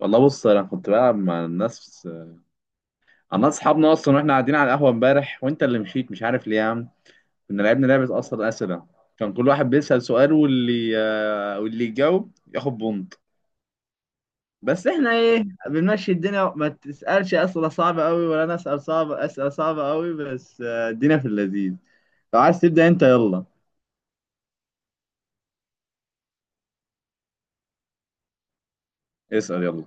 والله بص، انا كنت بلعب مع الناس. انا اصحابنا اصلا، واحنا قاعدين على القهوه امبارح، وانت اللي مشيت مش عارف ليه يا عم. كنا لعبنا لعبه اصلا، اسئله. كان كل واحد بيسال سؤال، واللي واللي يجاوب ياخد بونت. بس احنا ايه، بنمشي الدنيا، ما تسالش اسئله صعبه قوي، ولا انا اسال صعب اسئله صعبه قوي، بس الدنيا في اللذيذ. لو عايز تبدا انت يلا. اسال يلا.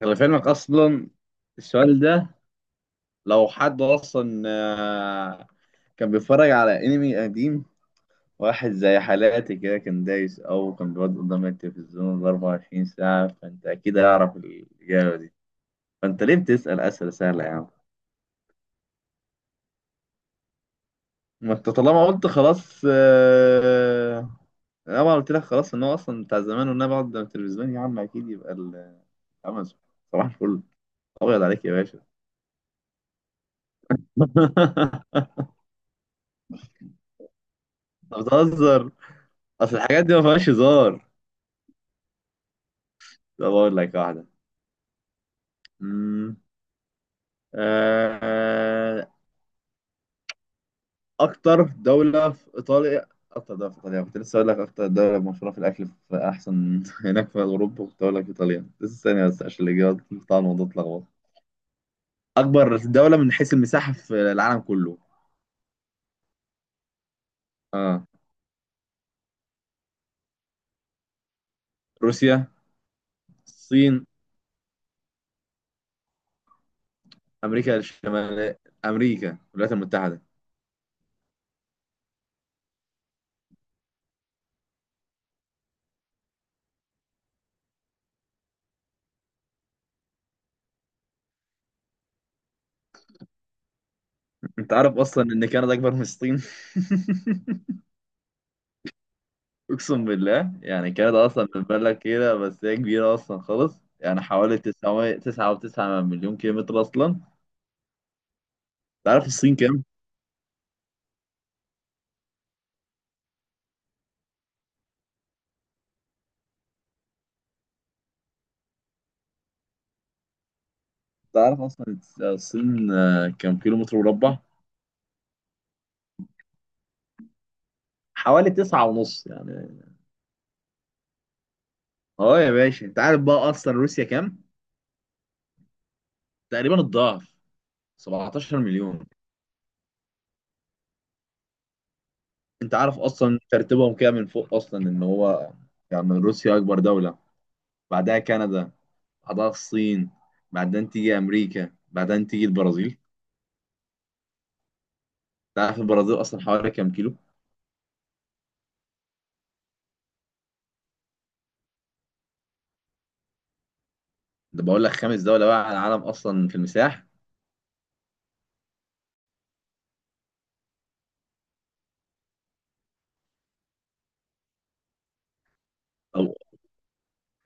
خلي في علمك اصلا السؤال ده، لو حد اصلا كان بيتفرج على انمي قديم، واحد زي حالاتي كده كان دايس، أو كان بيقعد قدام التلفزيون 24 ساعة، فأنت أكيد هيعرف الإجابة دي. فأنت ليه بتسأل أسئلة سهلة يا عم؟ ما أنت طالما قلت خلاص أنا ما قلت لك خلاص إن هو أصلا بتاع زمان، وإن أنا بقعد قدام التلفزيون يا عم أكيد يبقى أمازون. صباح الفل. أبيض عليك يا باشا. أنت بتهزر. أصل الحاجات دي ما فيهاش هزار. طب أقول لك واحدة. أمم. آه، اكتر دولة في ايطاليا، كنت لسه اقول لك اكتر دولة مشهورة في الاكل في احسن هناك في اوروبا، كنت اقول لك ايطاليا لسه ثانية، بس عشان الاجابات بتاع الموضوع اتلخبط. اكبر دولة من حيث المساحة في العالم كله. اه، روسيا. الصين. امريكا الشمالية. امريكا الولايات المتحدة. انت عارف اصلا ان كندا اكبر من الصين؟ اقسم بالله، يعني كندا اصلا من بلد كده، بس هي كبيرة اصلا خالص. يعني حوالي 900 9.9 مليون كيلومتر اصلا. تعرف الصين كام؟ تعرف اصلا الصين كام كيلو متر مربع. حوالي 9.5 يعني. اه يا باشا، انت عارف بقى اصلا روسيا كام؟ تقريبا الضعف، 17 مليون. انت عارف اصلا ترتيبهم كده من فوق اصلا ان هو، يعني روسيا اكبر دولة، بعدها كندا، بعدها الصين، بعدين تيجي امريكا، بعدين تيجي البرازيل. انت عارف البرازيل اصلا حوالي كام كيلو؟ ده بقول لك خامس دولة بقى على العالم اصلا في المساحة. او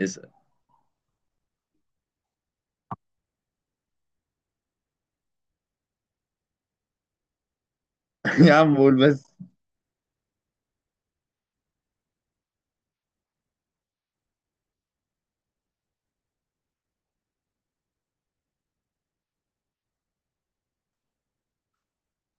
اسأل. يا عم قول بس.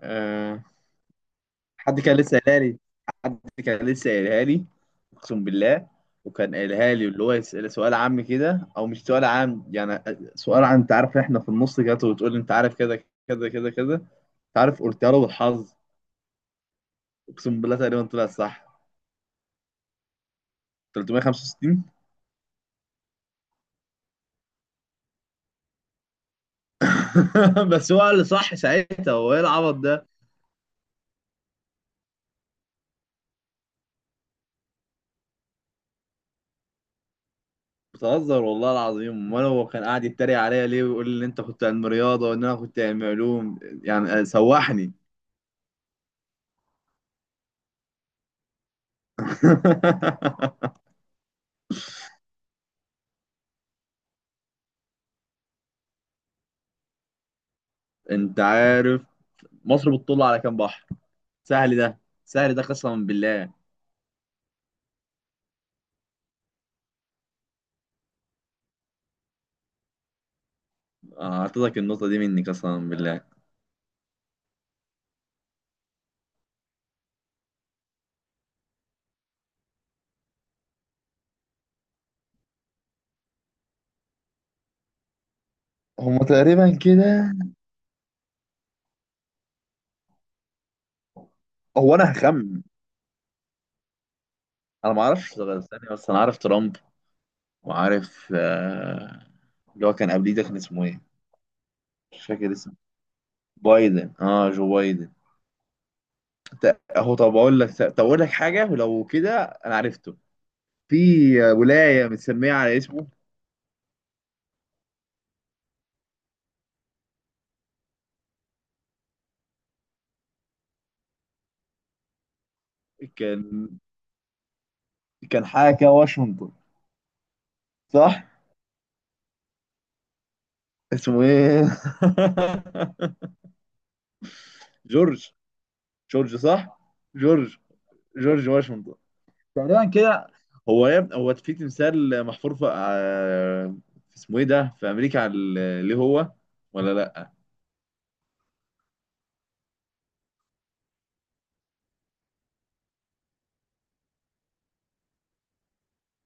آه، حد كان لسه قايلها لي. حد كان لسه قايلها لي اقسم بالله. وكان قايلها لي، اللي هو يسأل سؤال عام كده او مش سؤال عام يعني، سؤال عن انت عارف احنا في النص كده، وتقول لي انت عارف كده كده كده كده، انت عارف قلتها له بالحظ. اقسم بالله تقريبا طلع صح. 365. بس هو اللي صح ساعتها، هو ايه العبط ده؟ بتهزر والله العظيم. امال هو كان قاعد يتريق عليا ليه، ويقول لي ان انت كنت علم رياضه وان انا كنت علم علوم يعني، سوحني. انت عارف مصر بتطل على كام بحر؟ سهل ده. سهل ده قسما بالله. اعطيتك النقطة دي مني قسما بالله. هما تقريبا كده. هو انا هخمن. انا ما اعرفش غير ثانية، بس انا عارف ترامب. وعارف اللي هو كان قبليه ده كان اسمه ايه. مش فاكر اسمه. بايدن، اه جو بايدن. اهو. طب اقول لك، حاجة، ولو كده انا عرفته. في ولاية متسمية على اسمه. كان كان حاجة كده، واشنطن. صح. اسمه ايه؟ جورج. جورج صح. جورج. جورج واشنطن. تقريبا كده. هو يا ابني هو في تمثال محفور في في اسمه ايه ده في امريكا، على ليه هو؟ ولا لا.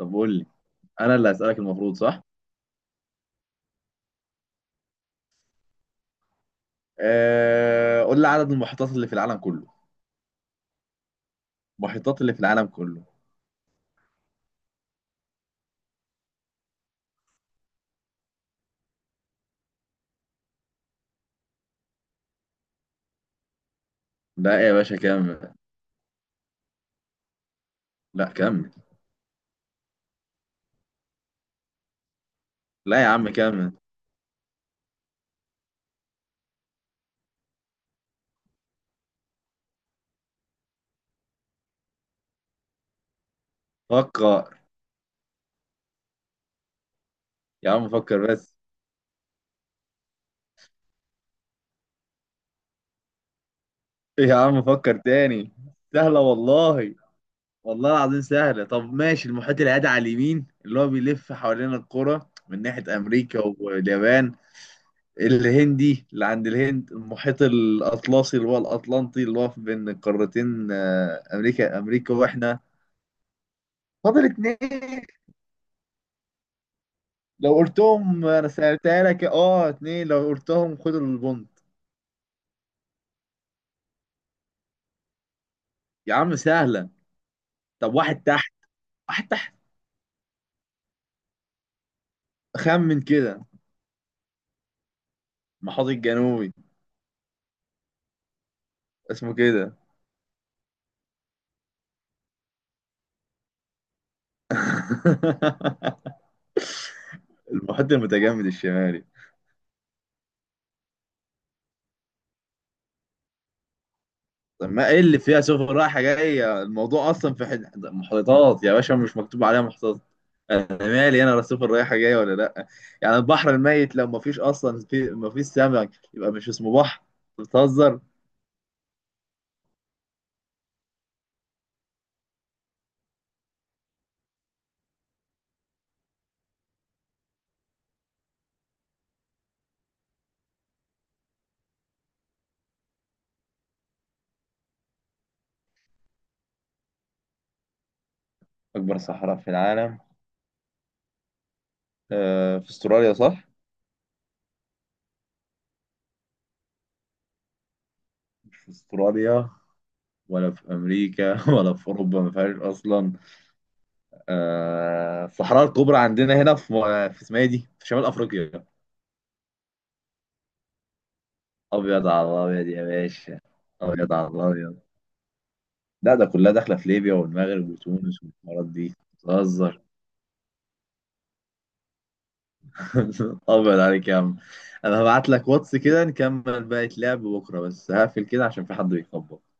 طب قول لي، انا اللي هسألك المفروض صح. قول لي عدد المحيطات اللي في العالم كله. المحيطات اللي في العالم كله لا يا باشا، كمل. لا كمل. لا يا عم كمل. فكر. يا عم فكر بس. يا عم فكر تاني. سهلة والله. والله العظيم سهلة. طب ماشي، المحيط الهادي على اليمين، اللي هو بيلف حوالين القرى من ناحية أمريكا واليابان. الهندي اللي عند الهند. المحيط الأطلسي اللي هو الأطلنطي، اللي هو بين القارتين أمريكا، وإحنا. فاضل اتنين. لو قلتهم أنا سألتها لك، أه اتنين لو قلتهم خد البونت. يا عم سهلة. طب واحد تحت. واحد تحت خمن كده. المحيط الجنوبي. اسمه كده. المحيط المتجمد الشمالي. طب ما ايه اللي فيها سفن رايحه جايه؟ الموضوع اصلا محيطات يا باشا، مش مكتوب عليها محيطات. انا مالي انا، لا سفن رايحه جايه ولا لا. يعني البحر الميت لو ما فيش اصلا في، ما فيش سمك، يبقى مش اسمه بحر. أنت بتهزر. اكبر صحراء في العالم. في استراليا صح؟ مش في استراليا. ولا في امريكا ولا في اوروبا، ما فيهاش اصلا. آه الصحراء الكبرى عندنا هنا في، في اسمها إيه دي، في شمال افريقيا. ابيض على الابيض يا باشا. ابيض على الابيض. لا ده كلها داخله في ليبيا والمغرب وتونس والحوارات دي. بتهزر. ابيض عليك يا عم. انا هبعت لك واتس كده نكمل باقي لعب بكره، بس هقفل كده عشان في حد بيخبط.